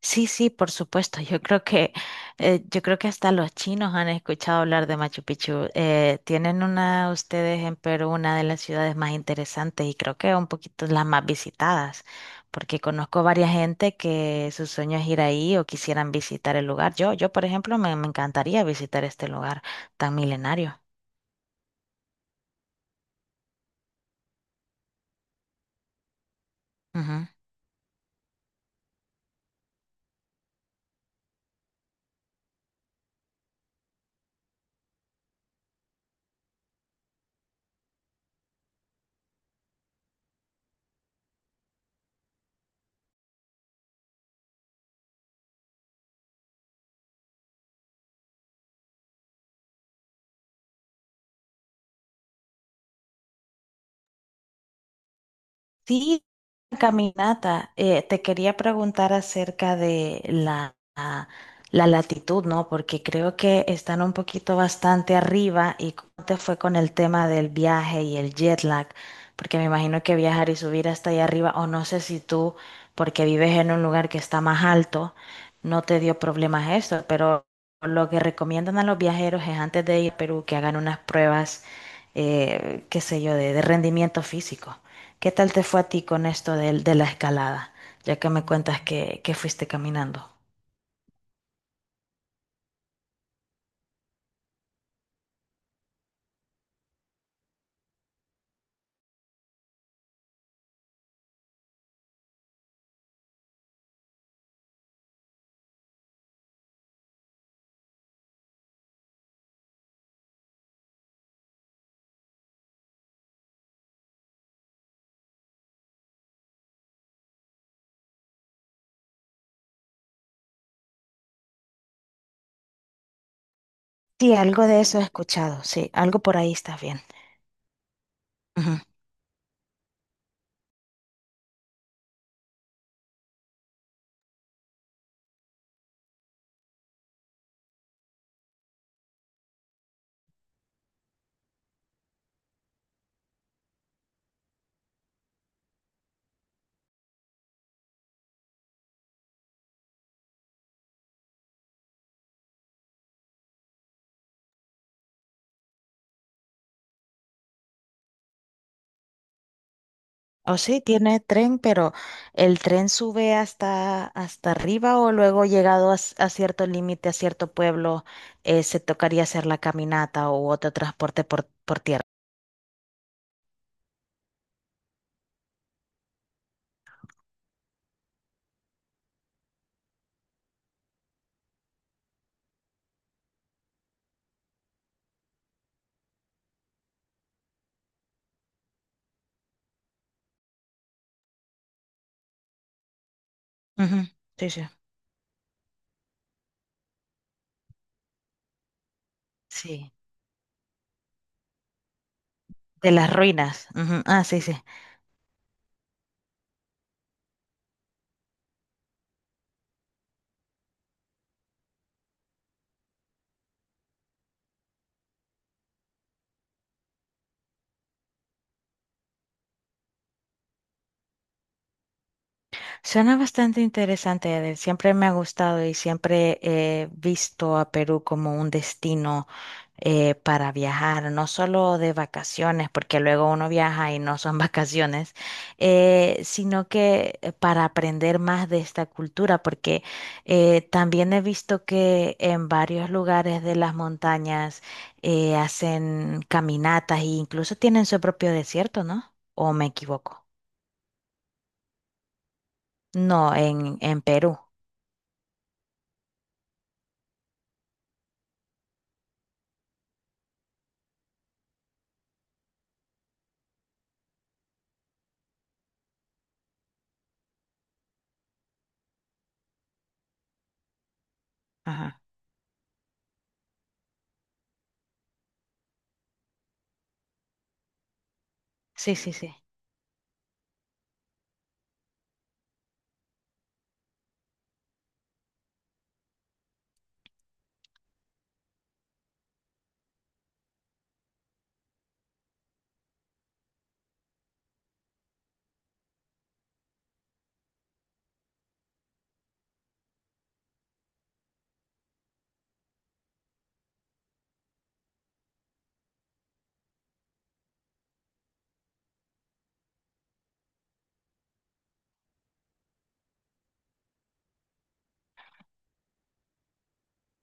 Sí, sí, por supuesto. Yo creo que hasta los chinos han escuchado hablar de Machu Picchu. Tienen una, ustedes en Perú, una de las ciudades más interesantes y creo que un poquito las más visitadas, porque conozco varias gente que su sueño es ir ahí o quisieran visitar el lugar. Yo, por ejemplo, me encantaría visitar este lugar tan milenario. Ujú. Sí, caminata. Te quería preguntar acerca de la latitud, ¿no? Porque creo que están un poquito bastante arriba y cómo te fue con el tema del viaje y el jet lag, porque me imagino que viajar y subir hasta allá arriba, o no sé si tú, porque vives en un lugar que está más alto, no te dio problemas esto, pero lo que recomiendan a los viajeros es antes de ir a Perú que hagan unas pruebas, qué sé yo, de rendimiento físico. ¿Qué tal te fue a ti con esto de la escalada? Ya que me cuentas que fuiste caminando. Sí, algo de eso he escuchado, sí, algo por ahí está bien. Ujú. O sí, tiene tren, pero ¿el tren sube hasta, hasta arriba o luego llegado a, a cierto límite, a cierto pueblo, se tocaría hacer la caminata o otro transporte por tierra? Ujú. Sí, sí. Sí, de las ruinas. Ujú. Ah, sí, sí. Suena bastante interesante, Edel. Siempre me ha gustado y siempre he visto a Perú como un destino para viajar, no solo de vacaciones, porque luego uno viaja y no son vacaciones, sino que para aprender más de esta cultura, porque también he visto que en varios lugares de las montañas hacen caminatas e incluso tienen su propio desierto, ¿no? ¿O me equivoco? No, en Perú. Ajá. Sí, sí, sí.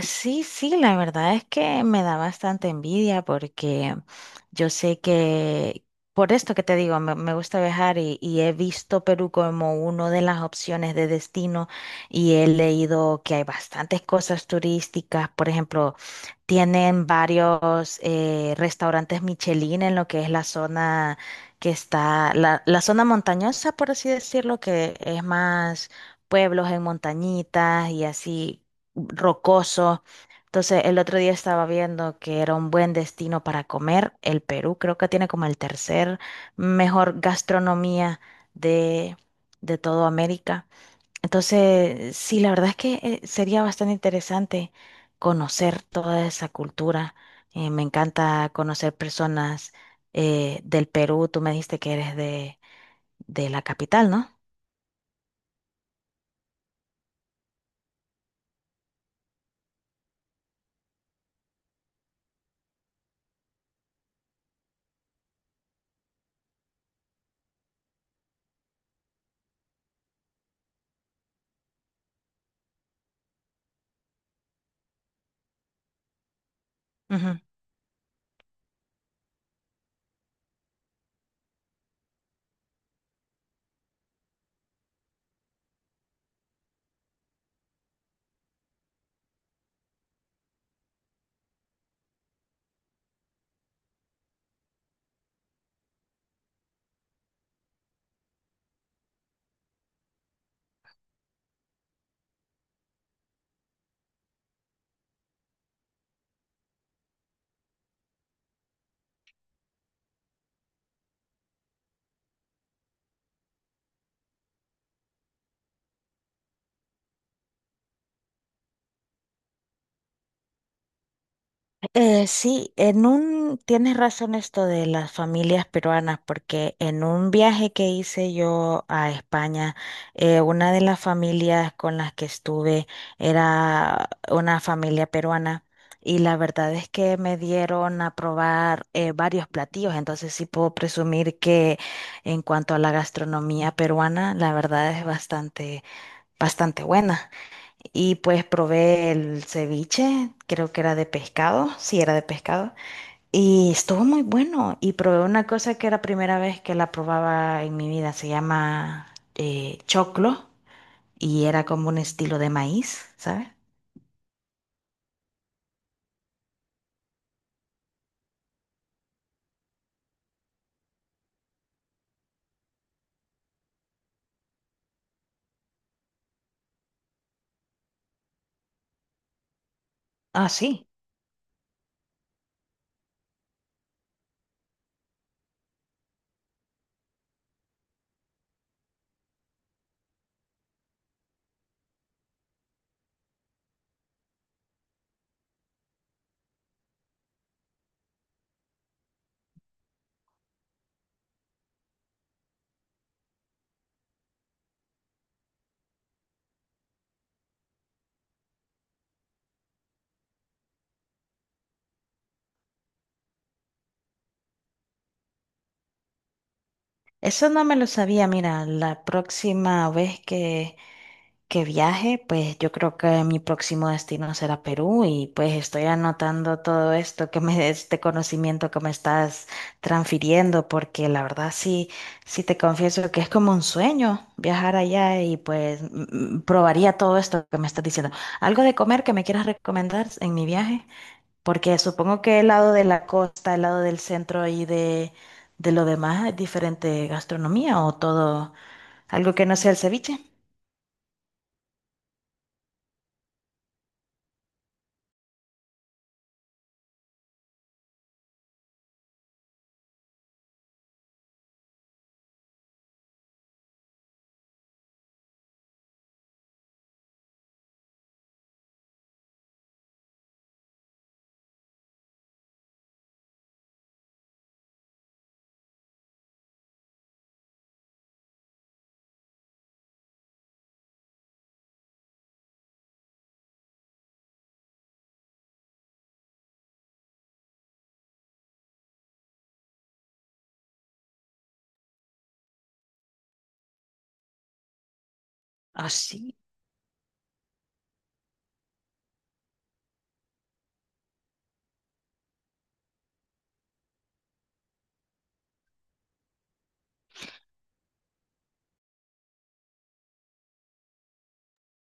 Sí, sí, la verdad es que me da bastante envidia porque yo sé que, por esto que te digo, me gusta viajar y he visto Perú como una de las opciones de destino y he leído que hay bastantes cosas turísticas, por ejemplo, tienen varios restaurantes Michelin en lo que es la zona que está, la zona montañosa, por así decirlo, que es más pueblos en montañitas y así. Rocoso. Entonces, el otro día estaba viendo que era un buen destino para comer. El Perú creo que tiene como el tercer mejor gastronomía de, de todo América. Entonces, sí, la verdad es que sería bastante interesante conocer toda esa cultura. Me encanta conocer personas del Perú. Tú me dijiste que eres de la capital, ¿no? Sí, en un, tienes razón esto de las familias peruanas, porque en un viaje que hice yo a España, una de las familias con las que estuve era una familia peruana y la verdad es que me dieron a probar varios platillos, entonces sí puedo presumir que en cuanto a la gastronomía peruana, la verdad es bastante buena. Y pues probé el ceviche, creo que era de pescado, sí era de pescado, y estuvo muy bueno. Y probé una cosa que era primera vez que la probaba en mi vida, se llama choclo, y era como un estilo de maíz, ¿sabes? Ah, sí. Eso no me lo sabía, mira, la próxima vez que viaje, pues yo creo que mi próximo destino será Perú y pues estoy anotando todo esto que me, este conocimiento que me estás transfiriendo, porque la verdad sí, sí te confieso que es como un sueño viajar allá y pues probaría todo esto que me estás diciendo. ¿Algo de comer que me quieras recomendar en mi viaje? Porque supongo que el lado de la costa, el lado del centro y de lo demás es diferente gastronomía o todo, algo que no sea el ceviche. Así.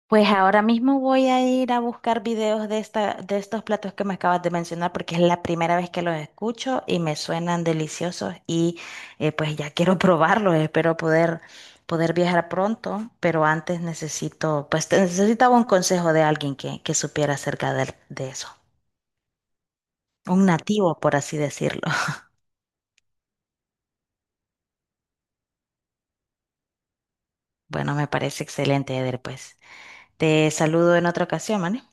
Pues ahora mismo voy a ir a buscar videos de esta, de estos platos que me acabas de mencionar porque es la primera vez que los escucho y me suenan deliciosos y pues ya quiero probarlos. Espero poder, poder viajar pronto, pero antes necesito, necesitaba un consejo de alguien que supiera acerca de eso. Un nativo, por así decirlo. Bueno, me parece excelente, Eder, pues. Te saludo en otra ocasión, ¿vale?